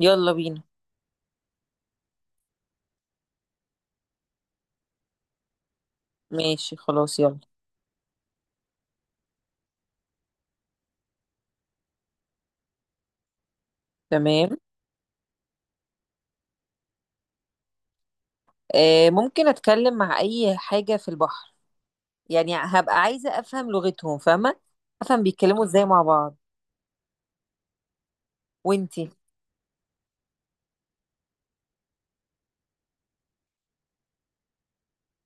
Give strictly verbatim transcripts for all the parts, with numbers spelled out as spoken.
يلا بينا. ماشي، خلاص، يلا. تمام. آه ممكن اتكلم مع اي حاجة في البحر. يعني هبقى عايزة افهم لغتهم، فاهمة؟ افهم بيتكلموا ازاي مع بعض. وانتي؟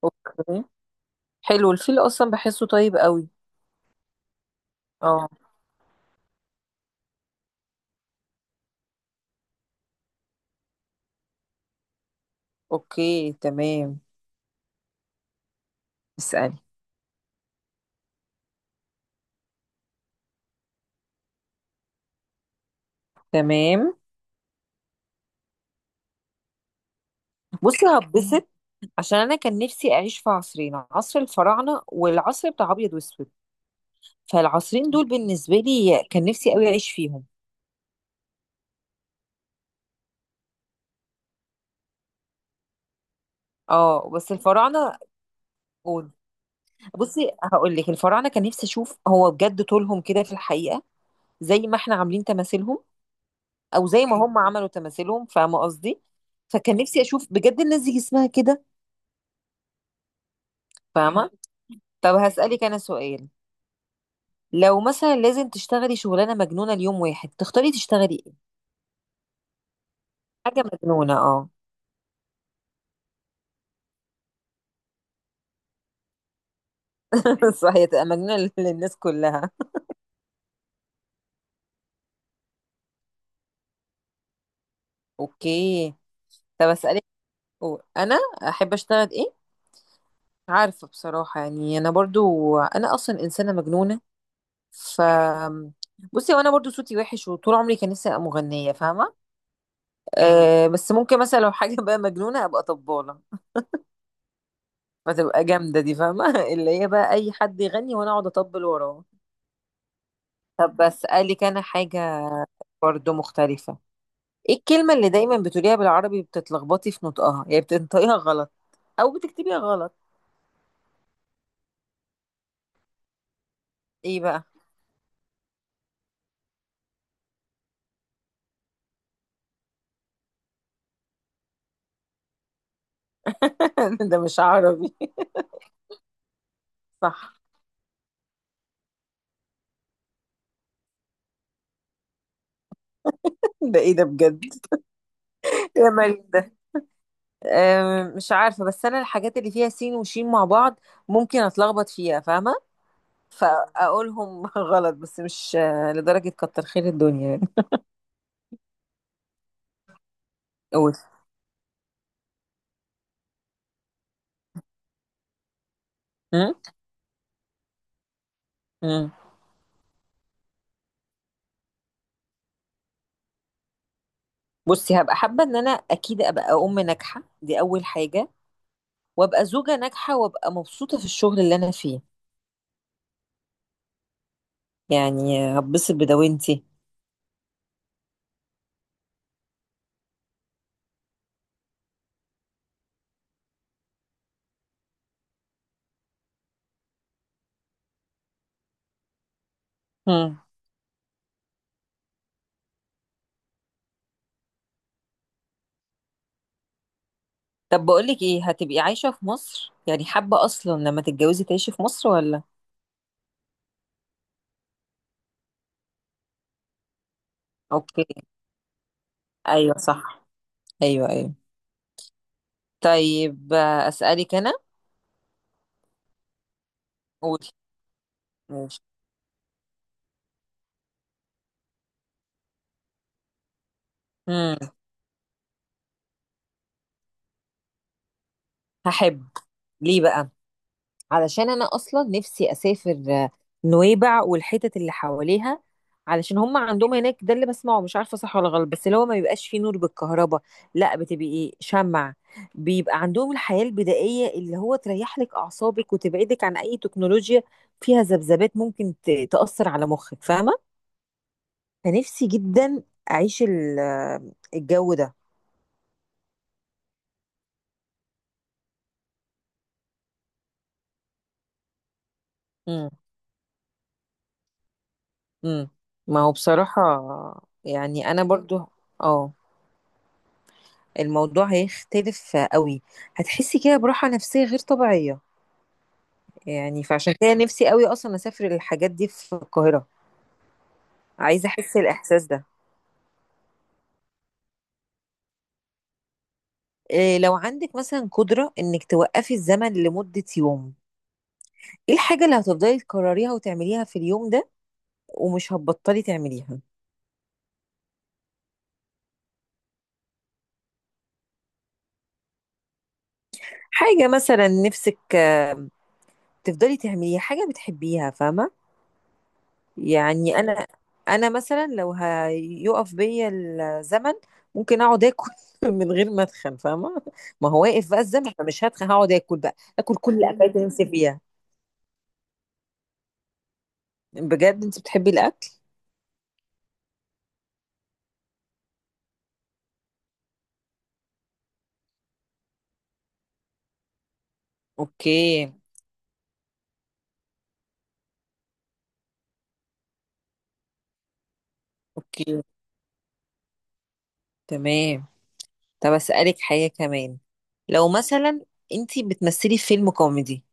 اوكي. حلو، الفيل اصلا بحسه طيب قوي. اه. اوكي، تمام. اسألي. تمام. بصي هتبسط، عشان انا كان نفسي اعيش في عصرين: عصر الفراعنة والعصر بتاع ابيض واسود. فالعصرين دول بالنسبة لي كان نفسي قوي اعيش فيهم. اه بس الفراعنة. قول. بصي هقول لك، الفراعنه كان نفسي اشوف هو بجد طولهم كده في الحقيقه، زي ما احنا عاملين تماثيلهم، او زي ما هم عملوا تماثيلهم، فاهمه قصدي؟ فكان نفسي اشوف بجد الناس دي جسمها كده، فاهمه؟ طب هسالك انا سؤال. لو مثلا لازم تشتغلي شغلانه مجنونه ليوم واحد، تختاري تشتغلي ايه؟ حاجه مجنونه، اه. صحيح، تبقى مجنونه لل- للناس كلها. اوكي. طب اسالك، أو- انا احب اشتغل ايه؟ عارفه، بصراحه يعني انا برضو انا اصلا انسانه مجنونه. ف بصي، وانا برضو صوتي وحش وطول عمري كان نفسي ابقى مغنيه، فاهمه؟ مم. أه بس ممكن مثلا لو حاجه بقى مجنونه ابقى طباله. فتبقى جامده دي، فاهمه؟ اللي هي بقى اي حد يغني وانا اقعد اطبل وراه. طب بسالك انا حاجه برضو مختلفه. ايه الكلمه اللي دايما بتقوليها بالعربي بتتلخبطي في نطقها، يعني بتنطقيها غلط او بتكتبيها غلط؟ ايه بقى؟ ده مش عربي. صح. ده ايه ده بجد؟ يا مريم. أم، مش عارفة، بس أنا الحاجات اللي فيها سين وشين مع بعض ممكن أتلخبط فيها، فاهمة؟ فأقولهم غلط، بس مش آه، لدرجة كتر خير الدنيا يعني. قول. أم؟ أم. بصي هبقى حابة إن أنا أكيد أبقى أم ناجحة، دي أول حاجة، وأبقى زوجة ناجحة، وأبقى مبسوطة في الشغل اللي أنا فيه. يعني هتبسط بدوامتي. أم. طب بقولك إيه، هتبقي عايشة في مصر؟ يعني حابة أصلا لما تتجوزي تعيشي في مصر ولا؟ أوكي. أيوة صح. أيوة، أيوة. طيب آه، أسألك أنا. قولي. ماشي. مم. هحب. ليه بقى؟ علشان أنا أصلا نفسي أسافر آه، نويبع والحتت اللي حواليها. علشان هم عندهم هناك، ده اللي بسمعه، مش عارفة صح ولا غلط، بس اللي هو ما بيبقاش فيه نور بالكهرباء. لا، بتبقي إيه، شمع. بيبقى عندهم الحياة البدائية، اللي هو تريح لك أعصابك وتبعدك عن أي تكنولوجيا فيها ذبذبات ممكن ت- تأثر على مخك، فاهمة؟ فنفسي جدا أعيش ال- آه، الجو ده. امم. ما هو بصراحة، يعني أنا برضو. اه، الموضوع هيختلف قوي. هتحسي كده براحة نفسية غير طبيعية. يعني فعشان كده نفسي قوي أصلا أسافر الحاجات دي في القاهرة. عايزة أحس الإحساس ده. إيه لو عندك مثلا قدرة إنك توقفي الزمن لمدة يوم، إيه الحاجة اللي هتفضلي تكرريها وتعمليها في اليوم ده ومش هتبطلي تعمليها؟ حاجة مثلا نفسك تفضلي تعمليها، حاجة بتحبيها، فاهمة؟ يعني انا انا مثلا لو هيقف بيا الزمن ممكن اقعد اكل من غير ما اتخن، فاهمه؟ ما هو واقف بقى الزمن، فمش هتخن، هقعد اكل بقى، اكل كل الاكلات اللي نفسي فيها. بجد انت بتحبي الاكل. اوكي. اوكي، تمام. طب اسالك حاجه كمان. لو مثلا انت بتمثلي في فيلم كوميدي،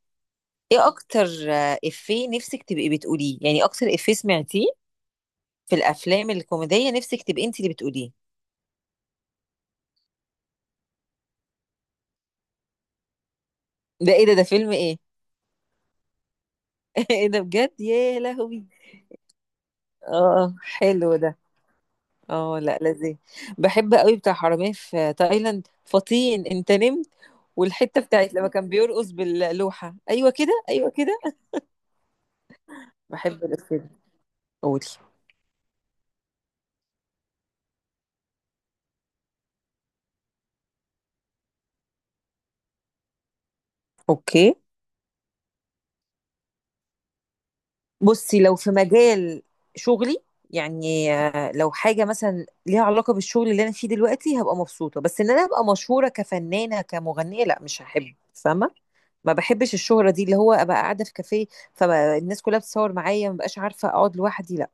ايه اكتر آه، افيه نفسك تبقي بتقوليه؟ يعني اكتر افيه سمعتيه في الافلام الكوميديه نفسك تبقي انت اللي بتقوليه. ده ايه ده ده فيلم ايه؟ ايه ده بجد، يا لهوي. اه، حلو ده. اه لا، لذيذ. بحب قوي بتاع حرامية في تايلاند، فطين انت نمت. والحتة بتاعت لما كان بيرقص باللوحة، ايوه كده ايوه كده. بحب الافيه ده. قولي. اوكي. بصي لو في مجال شغلي، يعني آه، لو حاجة مثلا ليها علاقة بالشغل اللي انا فيه دلوقتي هبقى مبسوطة، بس ان انا ابقى مشهورة كفنانة كمغنية لا مش هحب، فاهمة؟ ما بحبش الشهرة دي اللي هو ابقى قاعدة في كافيه فالناس كلها بتصور معايا ما بقاش عارفة اقعد لوحدي، لا.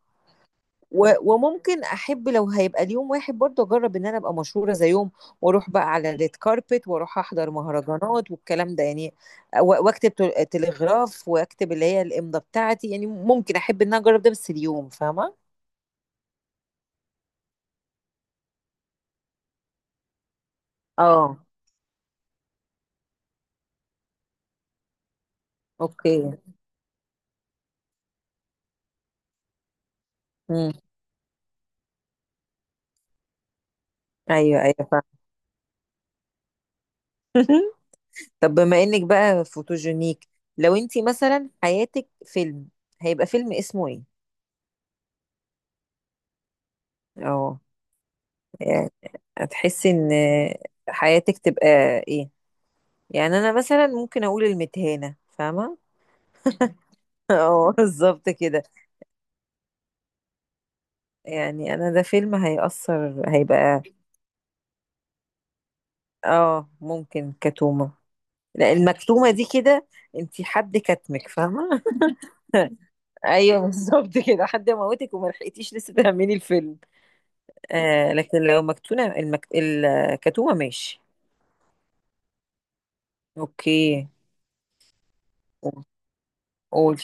و... وممكن احب لو هيبقى ليوم واحد برضه اجرب ان انا ابقى مشهورة زي يوم، واروح بقى على الريد كاربت واروح احضر مهرجانات والكلام ده يعني. و... واكتب تل- تلغراف واكتب اللي هي الامضة بتاعتي، يعني ممكن احب ان انا اجرب ده بس اليوم، فاهمة؟ اه. اوكي. امم. ايوه، ايوه، فاهمة. طب بما انك بقى فوتوجينيك، لو انت مثلا حياتك فيلم هيبقى فيلم اسمه ايه؟ اه. يعني هتحسي ان حياتك تبقى ايه. يعني انا مثلا ممكن اقول المتهانة، فاهمة؟ اه، بالظبط كده. يعني انا ده فيلم هيأثر هيبقى. اه، ممكن كتومة. لا، المكتومة دي كده انتي حد كتمك، فاهمة؟ ايوه بالظبط كده، حد موتك وما لحقتيش لسه تكملي الفيلم. آه لكن لو مكتونة المك... الكتومة، ماشي. اوكي. قول.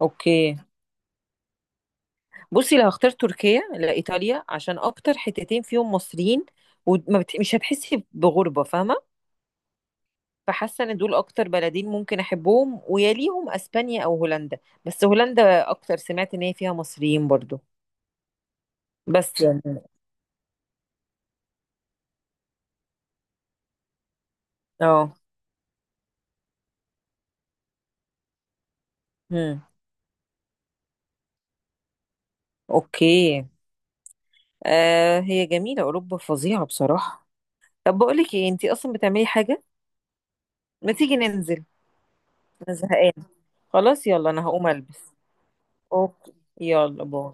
اوكي. بصي لو هختار تركيا لايطاليا، عشان اكتر حتتين فيهم مصريين ومش هتحسي بغربه، فاهمه؟ فحاسه ان دول اكتر بلدين ممكن احبهم، ويليهم اسبانيا او هولندا. بس هولندا اكتر، سمعت ان هي فيها مصريين برضو. بس يعني. اه. امم. اوكي. آه، هي جميله اوروبا، فظيعه بصراحه. طب بقول لك ايه، انتي اصلا بتعملي حاجه؟ ما تيجي ننزل. انا زهقانه، خلاص يلا، انا هقوم البس. اوكي. يلا، باي.